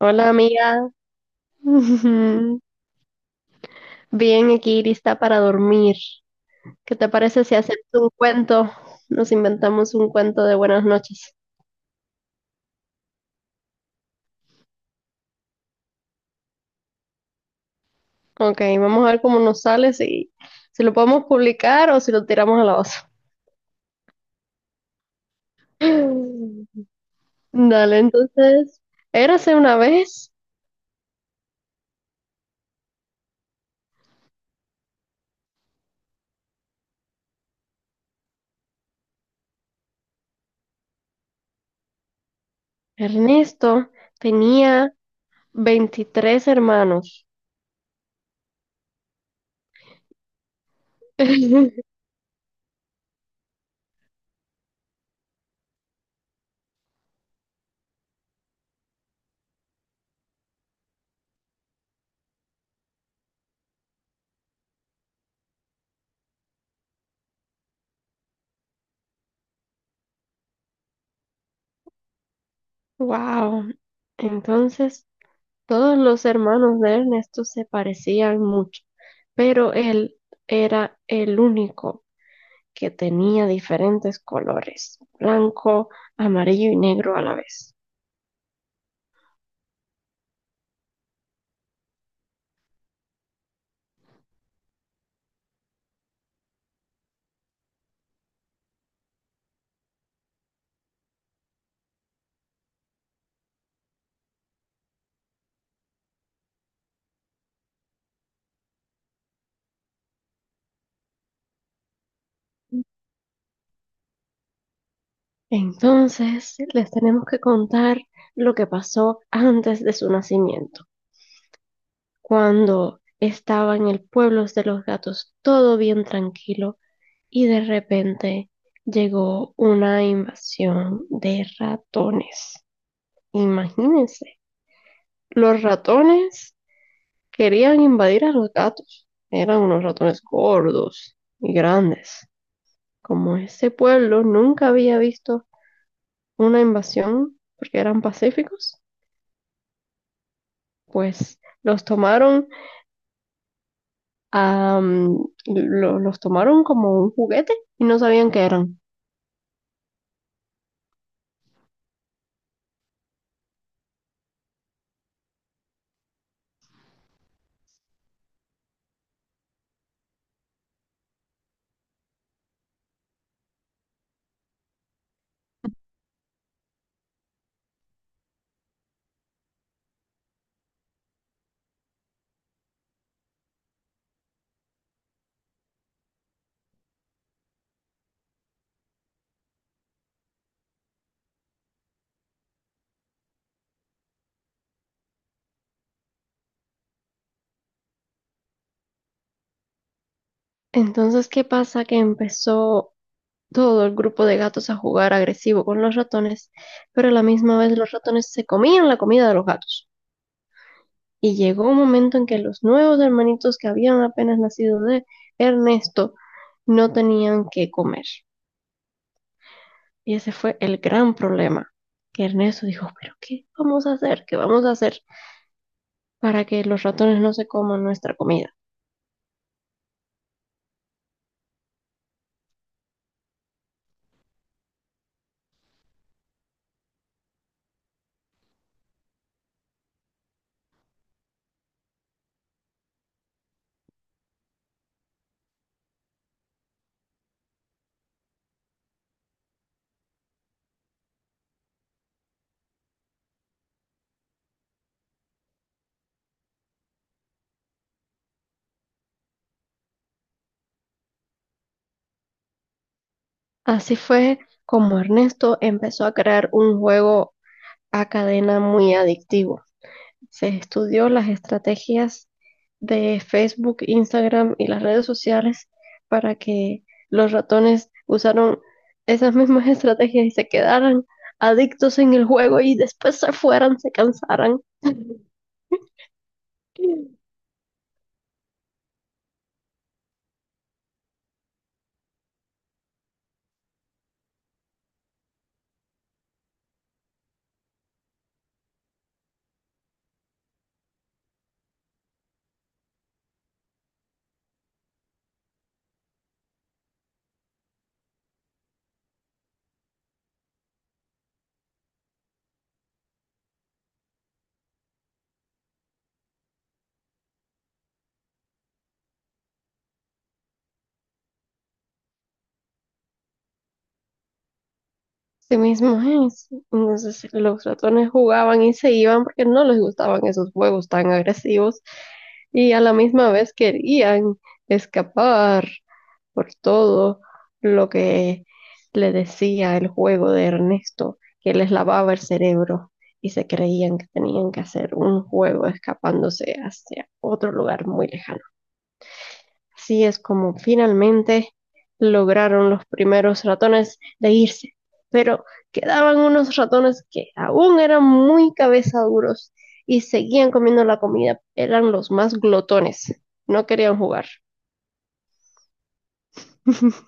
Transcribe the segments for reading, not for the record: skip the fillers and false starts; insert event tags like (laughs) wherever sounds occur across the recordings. Hola amiga, (laughs) bien aquí lista para dormir. ¿Qué te parece si hacemos un cuento? Nos inventamos un cuento de buenas noches. Ok, vamos a ver cómo nos sale, si lo podemos publicar o si lo tiramos a la osa. (gasps) (laughs) Dale, entonces, érase una vez, Ernesto tenía 23 hermanos. (laughs) Wow. Entonces, todos los hermanos de Ernesto se parecían mucho, pero él era el único que tenía diferentes colores, blanco, amarillo y negro a la vez. Entonces, les tenemos que contar lo que pasó antes de su nacimiento, cuando estaba en el pueblo de los gatos todo bien tranquilo y de repente llegó una invasión de ratones. Imagínense. Los ratones querían invadir a los gatos. Eran unos ratones gordos y grandes. Como este pueblo nunca había visto una invasión porque eran pacíficos, pues los tomaron, los tomaron como un juguete y no sabían qué eran. Entonces, ¿qué pasa? Que empezó todo el grupo de gatos a jugar agresivo con los ratones, pero a la misma vez los ratones se comían la comida de los gatos. Y llegó un momento en que los nuevos hermanitos que habían apenas nacido de Ernesto no tenían que comer. Y ese fue el gran problema, que Ernesto dijo, pero ¿qué vamos a hacer? ¿Qué vamos a hacer para que los ratones no se coman nuestra comida? Así fue como Ernesto empezó a crear un juego a cadena muy adictivo. Se estudió las estrategias de Facebook, Instagram y las redes sociales para que los ratones usaron esas mismas (laughs) estrategias y se quedaran adictos en el juego y después se fueran, se cansaran. (laughs) Sí mismo es. Entonces los ratones jugaban y se iban porque no les gustaban esos juegos tan agresivos y a la misma vez querían escapar por todo lo que le decía el juego de Ernesto, que les lavaba el cerebro y se creían que tenían que hacer un juego escapándose hacia otro lugar muy lejano. Así es como finalmente lograron los primeros ratones de irse, pero quedaban unos ratones que aún eran muy cabezaduros y seguían comiendo la comida. Eran los más glotones, no querían jugar. (laughs)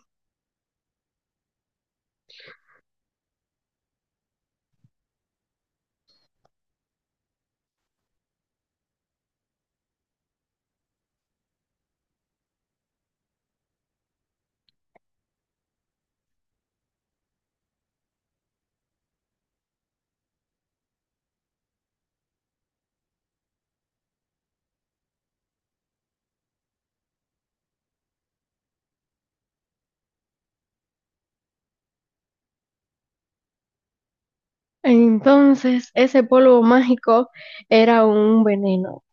Entonces, ese polvo mágico era un veneno,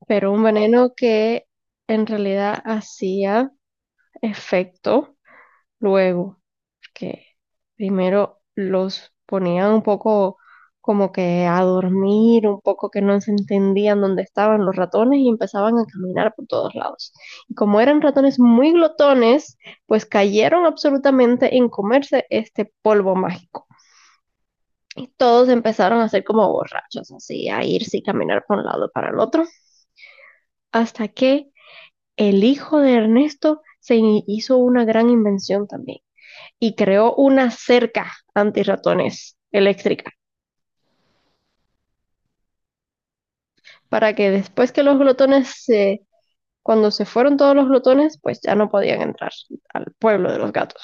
(gasps) pero un veneno que en realidad hacía efecto luego. Que primero los ponían un poco como que a dormir, un poco que no se entendían dónde estaban los ratones y empezaban a caminar por todos lados. Y como eran ratones muy glotones, pues cayeron absolutamente en comerse este polvo mágico. Y todos empezaron a ser como borrachos, así, a irse y caminar por un lado para el otro, hasta que el hijo de Ernesto se hizo una gran invención también. Y creó una cerca antirratones eléctrica para que después que los glotones se... Cuando se fueron todos los glotones, pues ya no podían entrar al pueblo de los gatos.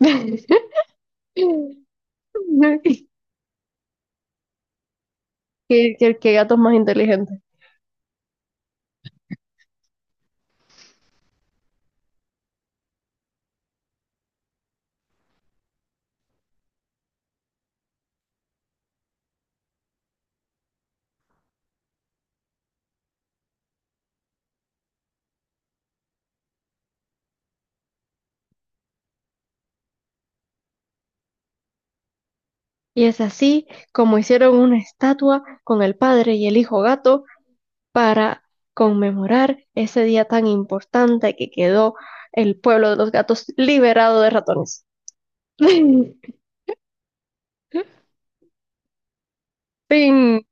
(laughs) ¿Qué, qué gatos más inteligentes. Y es así como hicieron una estatua con el padre y el hijo gato para conmemorar ese día tan importante que quedó el pueblo de los gatos liberado de ratones. (laughs) Fin.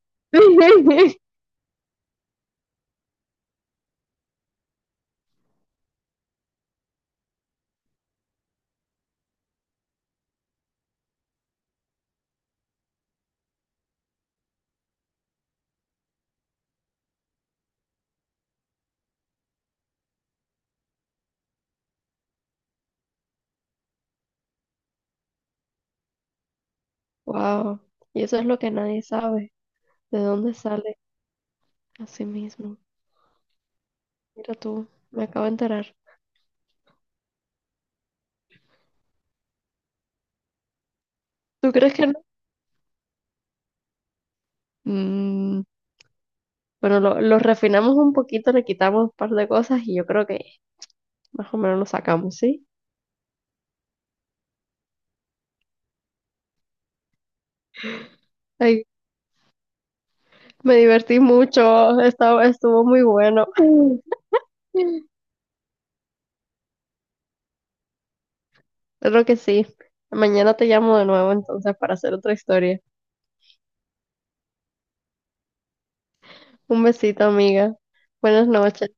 Wow, y eso es lo que nadie sabe, de dónde sale así mismo. Mira tú, me acabo de enterar. ¿Tú crees que no? Mm, bueno, lo refinamos un poquito, le quitamos un par de cosas y yo creo que más o menos lo sacamos, ¿sí? Ay, me divertí mucho, estuvo muy bueno. (laughs) Creo que sí. Mañana te llamo de nuevo entonces para hacer otra historia. Un besito, amiga. Buenas noches.